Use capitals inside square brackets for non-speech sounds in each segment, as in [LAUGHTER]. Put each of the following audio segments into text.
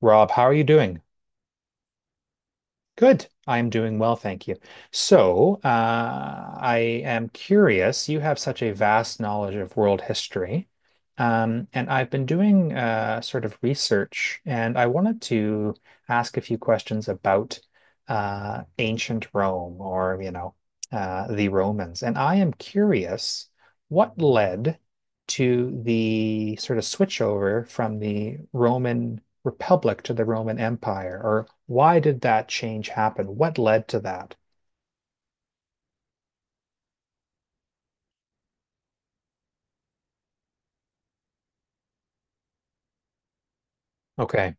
Rob, how are you doing? Good. I'm doing well, thank you. So I am curious. You have such a vast knowledge of world history. And I've been doing sort of research, and I wanted to ask a few questions about ancient Rome or, you know, the Romans. And I am curious what led to the sort of switchover from the Roman republic to the Roman Empire? Or why did that change happen? What led to that? Okay.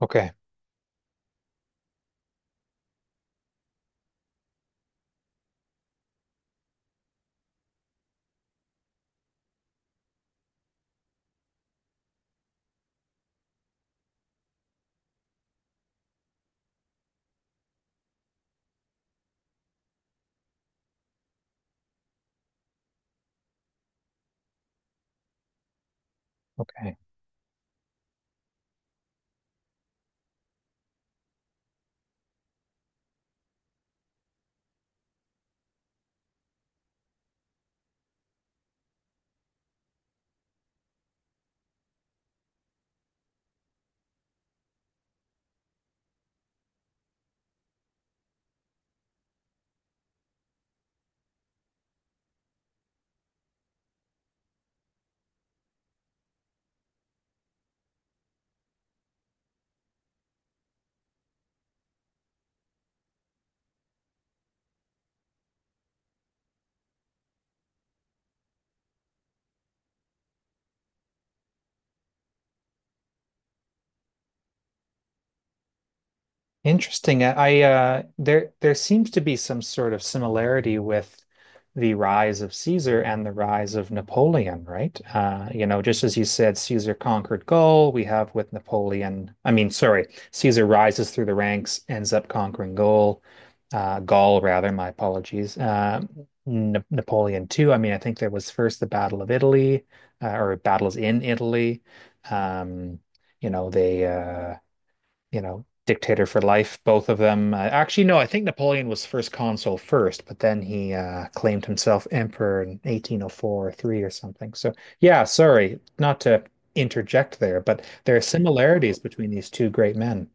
Okay. Okay. Interesting. I, there seems to be some sort of similarity with the rise of Caesar and the rise of Napoleon, right? You know, just as you said, Caesar conquered Gaul. We have with Napoleon. I mean, sorry, Caesar rises through the ranks, ends up conquering Gaul, Gaul rather. My apologies. N Napoleon too. I mean, I think there was first the Battle of Italy, or battles in Italy. Um, you know, they. You know, dictator for life. Both of them. Actually, no, I think Napoleon was first consul first, but then he claimed himself emperor in 1804 or three or something. So yeah, sorry, not to interject there, but there are similarities between these two great men.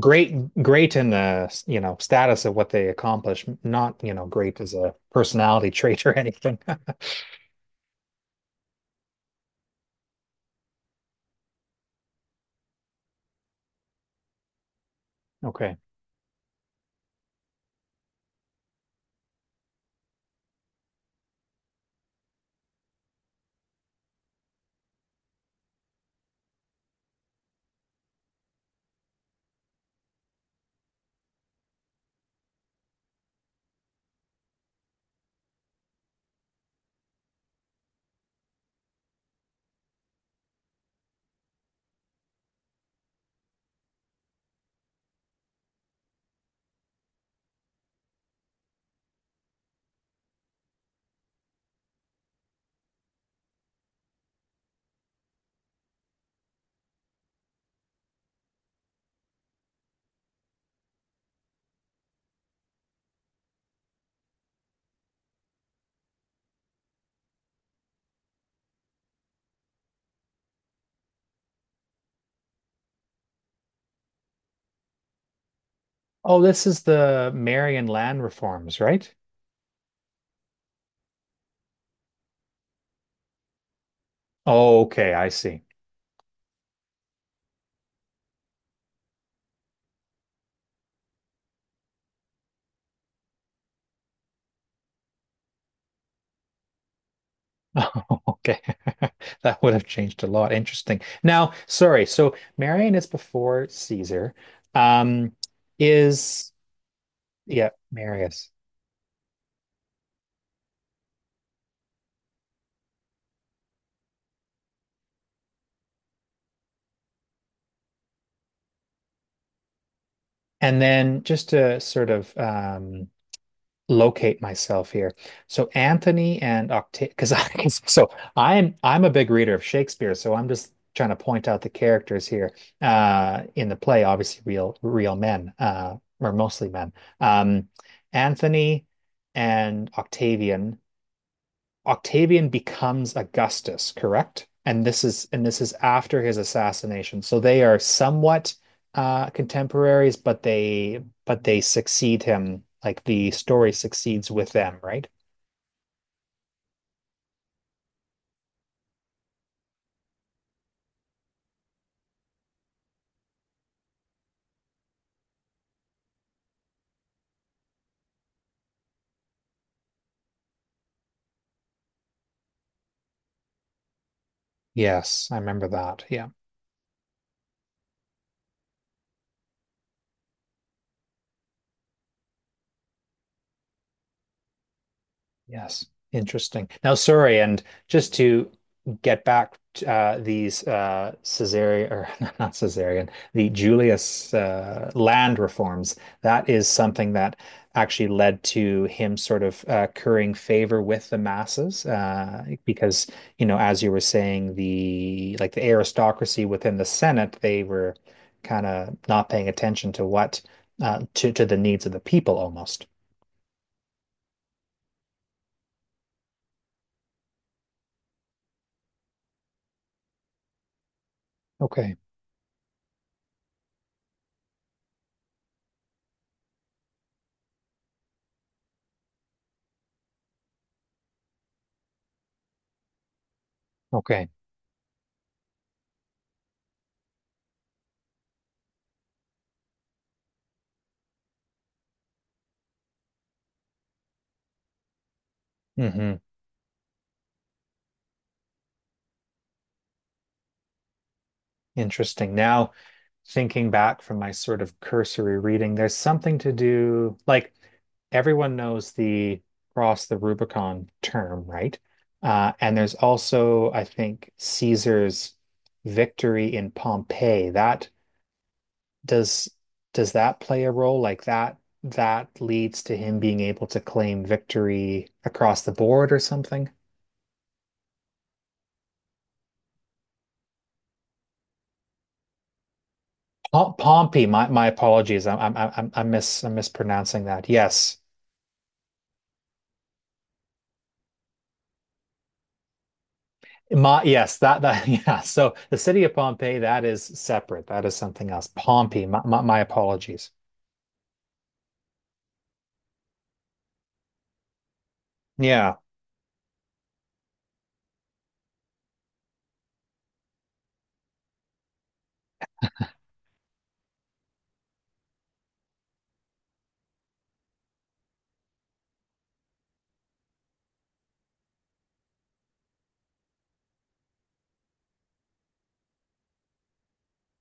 Great, great in the, you know, status of what they accomplish, not, you know, great as a personality [LAUGHS] trait or anything. [LAUGHS] Okay. Oh, this is the Marian land reforms, right? Oh, okay, I see. [LAUGHS] Okay. [LAUGHS] That would have changed a lot. Interesting. Now, sorry. So Marian is before Caesar. Um, is Yeah, Marius. And then just to sort of locate myself here. So Anthony and Octave, because I [LAUGHS] so I'm a big reader of Shakespeare, so I'm just trying to point out the characters here in the play. Obviously, real men or mostly men. Um, Anthony and Octavian. Octavian becomes Augustus, correct? And this is after his assassination. So they are somewhat contemporaries, but they succeed him. Like the story succeeds with them, right? Yes, I remember that. Yeah. Yes, interesting. Now, sorry, and just to get back to these Caesarian or [LAUGHS] not Caesarian, the Julius land reforms. That is something that actually led to him sort of currying favor with the masses, because you know, as you were saying, the aristocracy within the Senate, they were kind of not paying attention to what to the needs of the people almost. Okay. Okay. hmm Interesting. Now, thinking back from my sort of cursory reading, there's something to do, like everyone knows the cross the Rubicon term, right? And there's also, I think, Caesar's victory in Pompeii. That does does that play a role? Like that leads to him being able to claim victory across the board or something? Pompey, my apologies. I'm mispronouncing that. Yes. Yes, that that [LAUGHS] yeah. So the city of Pompeii, that is separate. That is something else. Pompey. My apologies. Yeah.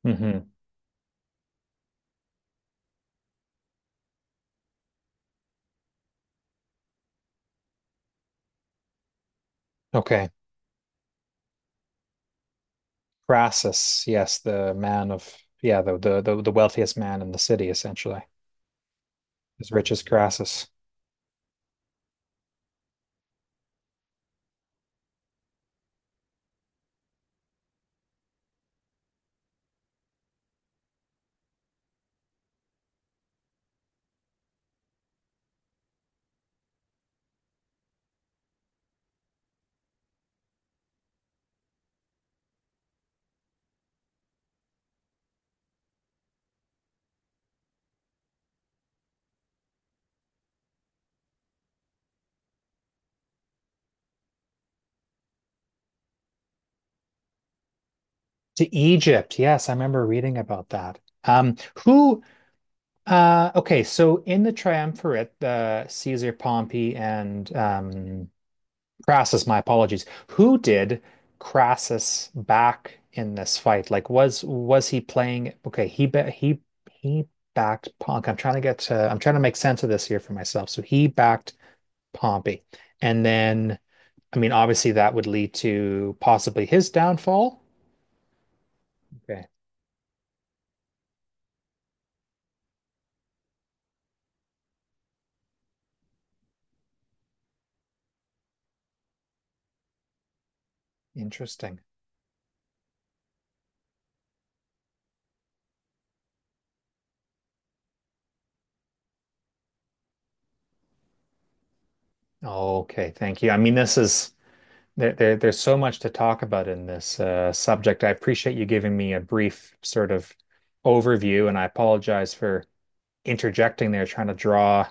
hmm Okay. Crassus. Yes, the man of Yeah, the wealthiest man in the city, essentially, as rich as Crassus. To Egypt. Yes, I remember reading about that. Um, who? Okay. So in the triumvirate, Caesar, Pompey, and Crassus, my apologies. Who did Crassus back in this fight? Was he playing? Okay, he backed Pompey. I'm trying to get to, I'm trying to make sense of this here for myself. So he backed Pompey, and then I mean, obviously that would lead to possibly his downfall. Okay, interesting. Okay, thank you. I mean, this is there's so much to talk about in this subject. I appreciate you giving me a brief sort of overview, and I apologize for interjecting there, trying to draw,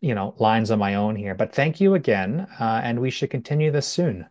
you know, lines on my own here. But thank you again, and we should continue this soon.